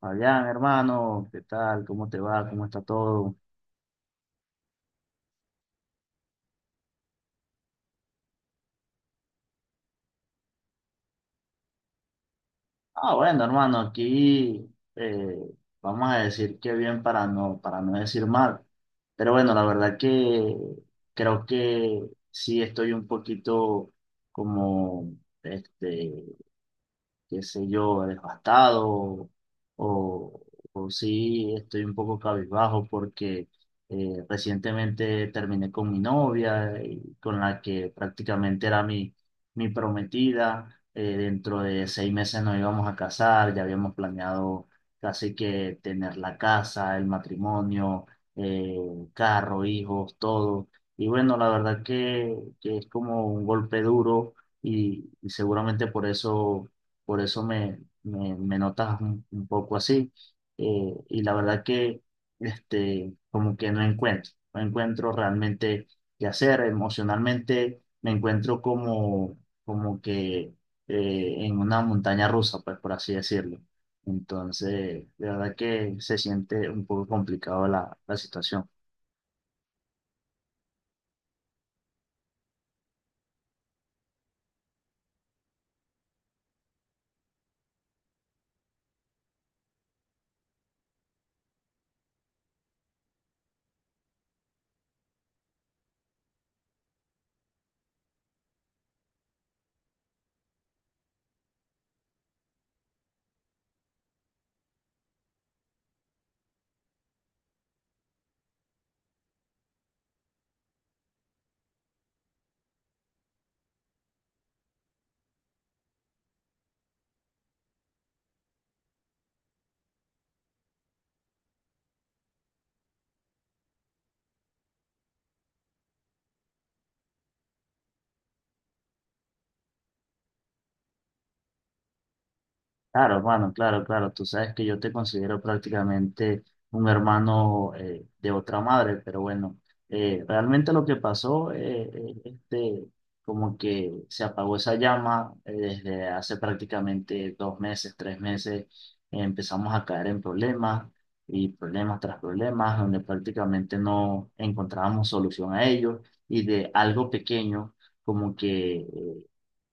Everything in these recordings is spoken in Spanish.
Fabián, hermano, ¿qué tal? ¿Cómo te va? ¿Cómo está todo? Ah, bueno, hermano, aquí eh, vamos a decir que bien para no decir mal. Pero bueno, la verdad que creo que sí estoy un poquito como este, qué sé yo, devastado o, o sí estoy un poco cabizbajo porque recientemente terminé con mi novia, y con la que prácticamente era mi prometida. Dentro de 6 meses nos íbamos a casar, ya habíamos planeado casi que tener la casa, el matrimonio, eh, carro, hijos, todo. Y bueno, la verdad que es como un golpe duro y seguramente por eso me notas un poco así. Y la verdad que como que no encuentro realmente qué hacer. Emocionalmente me encuentro como que en una montaña rusa, pues por así decirlo. Entonces, de verdad que se siente un poco complicado la situación. Claro, hermano, claro, claro. Tú sabes que yo te considero prácticamente un hermano de otra madre, pero bueno, realmente lo que pasó, como que se apagó esa llama desde hace prácticamente 2 meses, 3 meses, empezamos a caer en problemas y problemas tras problemas, donde prácticamente no encontrábamos solución a ellos y de algo pequeño, como que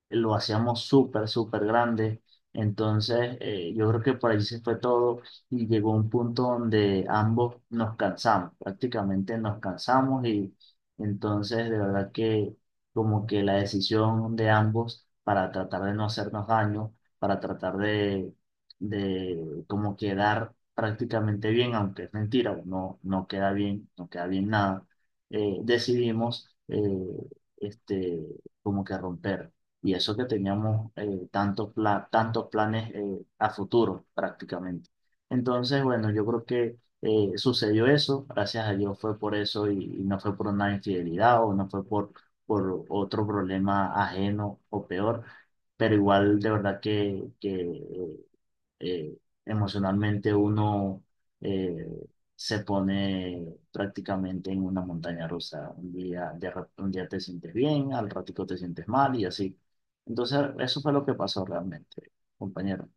lo hacíamos súper, súper grande. Entonces, yo creo que por ahí se fue todo y llegó un punto donde ambos nos cansamos, prácticamente nos cansamos y entonces de verdad que como que la decisión de ambos para tratar de no hacernos daño, para tratar de como quedar prácticamente bien, aunque es mentira, no queda bien, no queda bien nada, decidimos este, como que romper. Y eso que teníamos tantos planes a futuro prácticamente. Entonces, bueno, yo creo que sucedió eso, gracias a Dios fue por eso y no fue por una infidelidad o no fue por otro problema ajeno o peor, pero igual de verdad que eh, emocionalmente uno eh, se pone prácticamente en una montaña rusa. Un día, un día te sientes bien, al ratico te sientes mal y así. Entonces, eso fue lo que pasó realmente, compañero.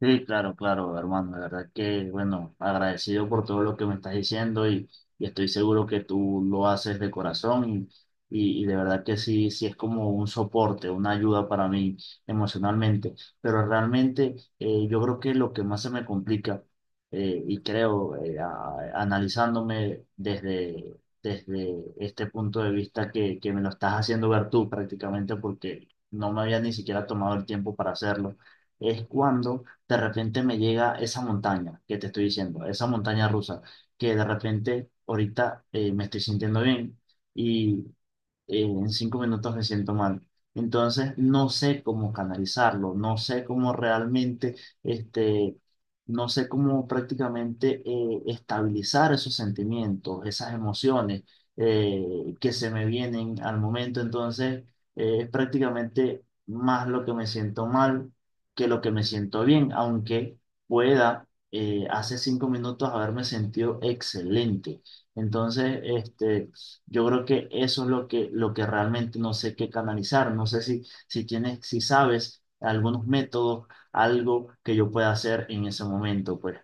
Sí, claro, claro, hermano, la verdad que, bueno, agradecido por todo lo que me estás diciendo y estoy seguro que tú lo haces de corazón y de verdad que sí, sí es como un soporte, una ayuda para mí emocionalmente, pero realmente yo creo que lo que más se me complica y creo analizándome desde este punto de vista que me lo estás haciendo ver tú prácticamente porque no me había ni siquiera tomado el tiempo para hacerlo, es cuando de repente me llega esa montaña que te estoy diciendo, esa montaña rusa, que de repente ahorita me estoy sintiendo bien y en 5 minutos me siento mal. Entonces, no sé cómo canalizarlo, no sé cómo realmente, este, no sé cómo prácticamente estabilizar esos sentimientos, esas emociones que se me vienen al momento. Entonces, es prácticamente más lo que me siento mal que lo que me siento bien, aunque pueda. Hace 5 minutos haberme sentido excelente. Entonces, yo creo que eso es lo que, realmente no sé qué canalizar. No sé si tienes, si sabes algunos métodos, algo que yo pueda hacer en ese momento, pues.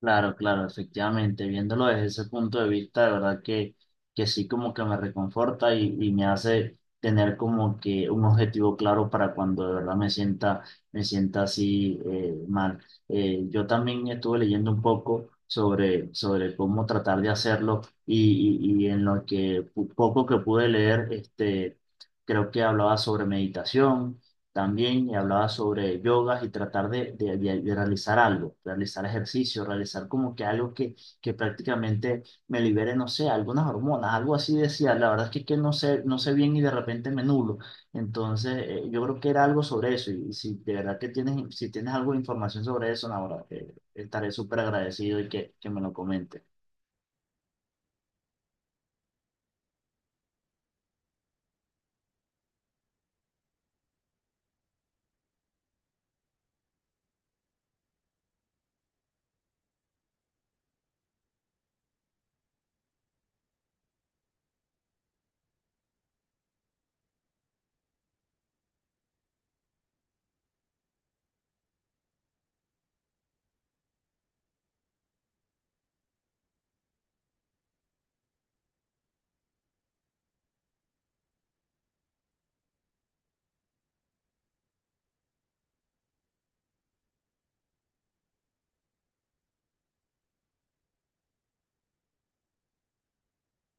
Claro, claro, efectivamente, viéndolo desde ese punto de vista, de verdad que sí como que me reconforta y me hace tener como que un objetivo claro para cuando de verdad me sienta así mal. Yo también estuve leyendo un poco sobre cómo tratar de hacerlo y en lo que poco que pude leer, creo que hablaba sobre meditación también y hablaba sobre yogas y tratar de realizar algo, realizar ejercicio, realizar como que algo que prácticamente me libere, no sé, algunas hormonas, algo así decía. La verdad es que no sé bien y de repente me nulo. Entonces, yo creo que era algo sobre eso. Y si de verdad que tienes, si tienes algo de información sobre eso, ahora estaré súper agradecido y que me lo comentes.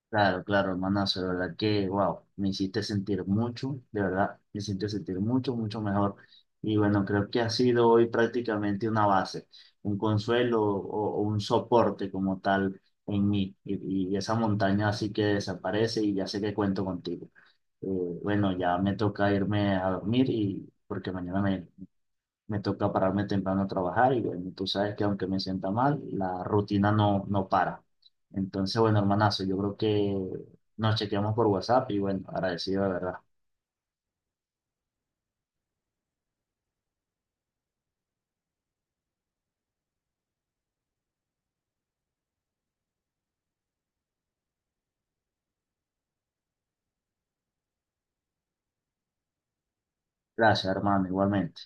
Claro, claro, hermanazo, de verdad que, wow, me hiciste sentir mucho, de verdad, me hiciste sentir mucho, mucho mejor. Y bueno, creo que ha sido hoy prácticamente una base, un consuelo o un soporte como tal en mí. Y esa montaña así que desaparece y ya sé que cuento contigo. Eh, bueno, ya me toca irme a dormir y porque mañana me toca pararme temprano a trabajar y bueno, tú sabes que aunque me sienta mal, la rutina no para. Entonces, bueno, hermanazo, yo creo que nos chequeamos por WhatsApp y bueno, agradecido de verdad. Gracias, hermano, igualmente.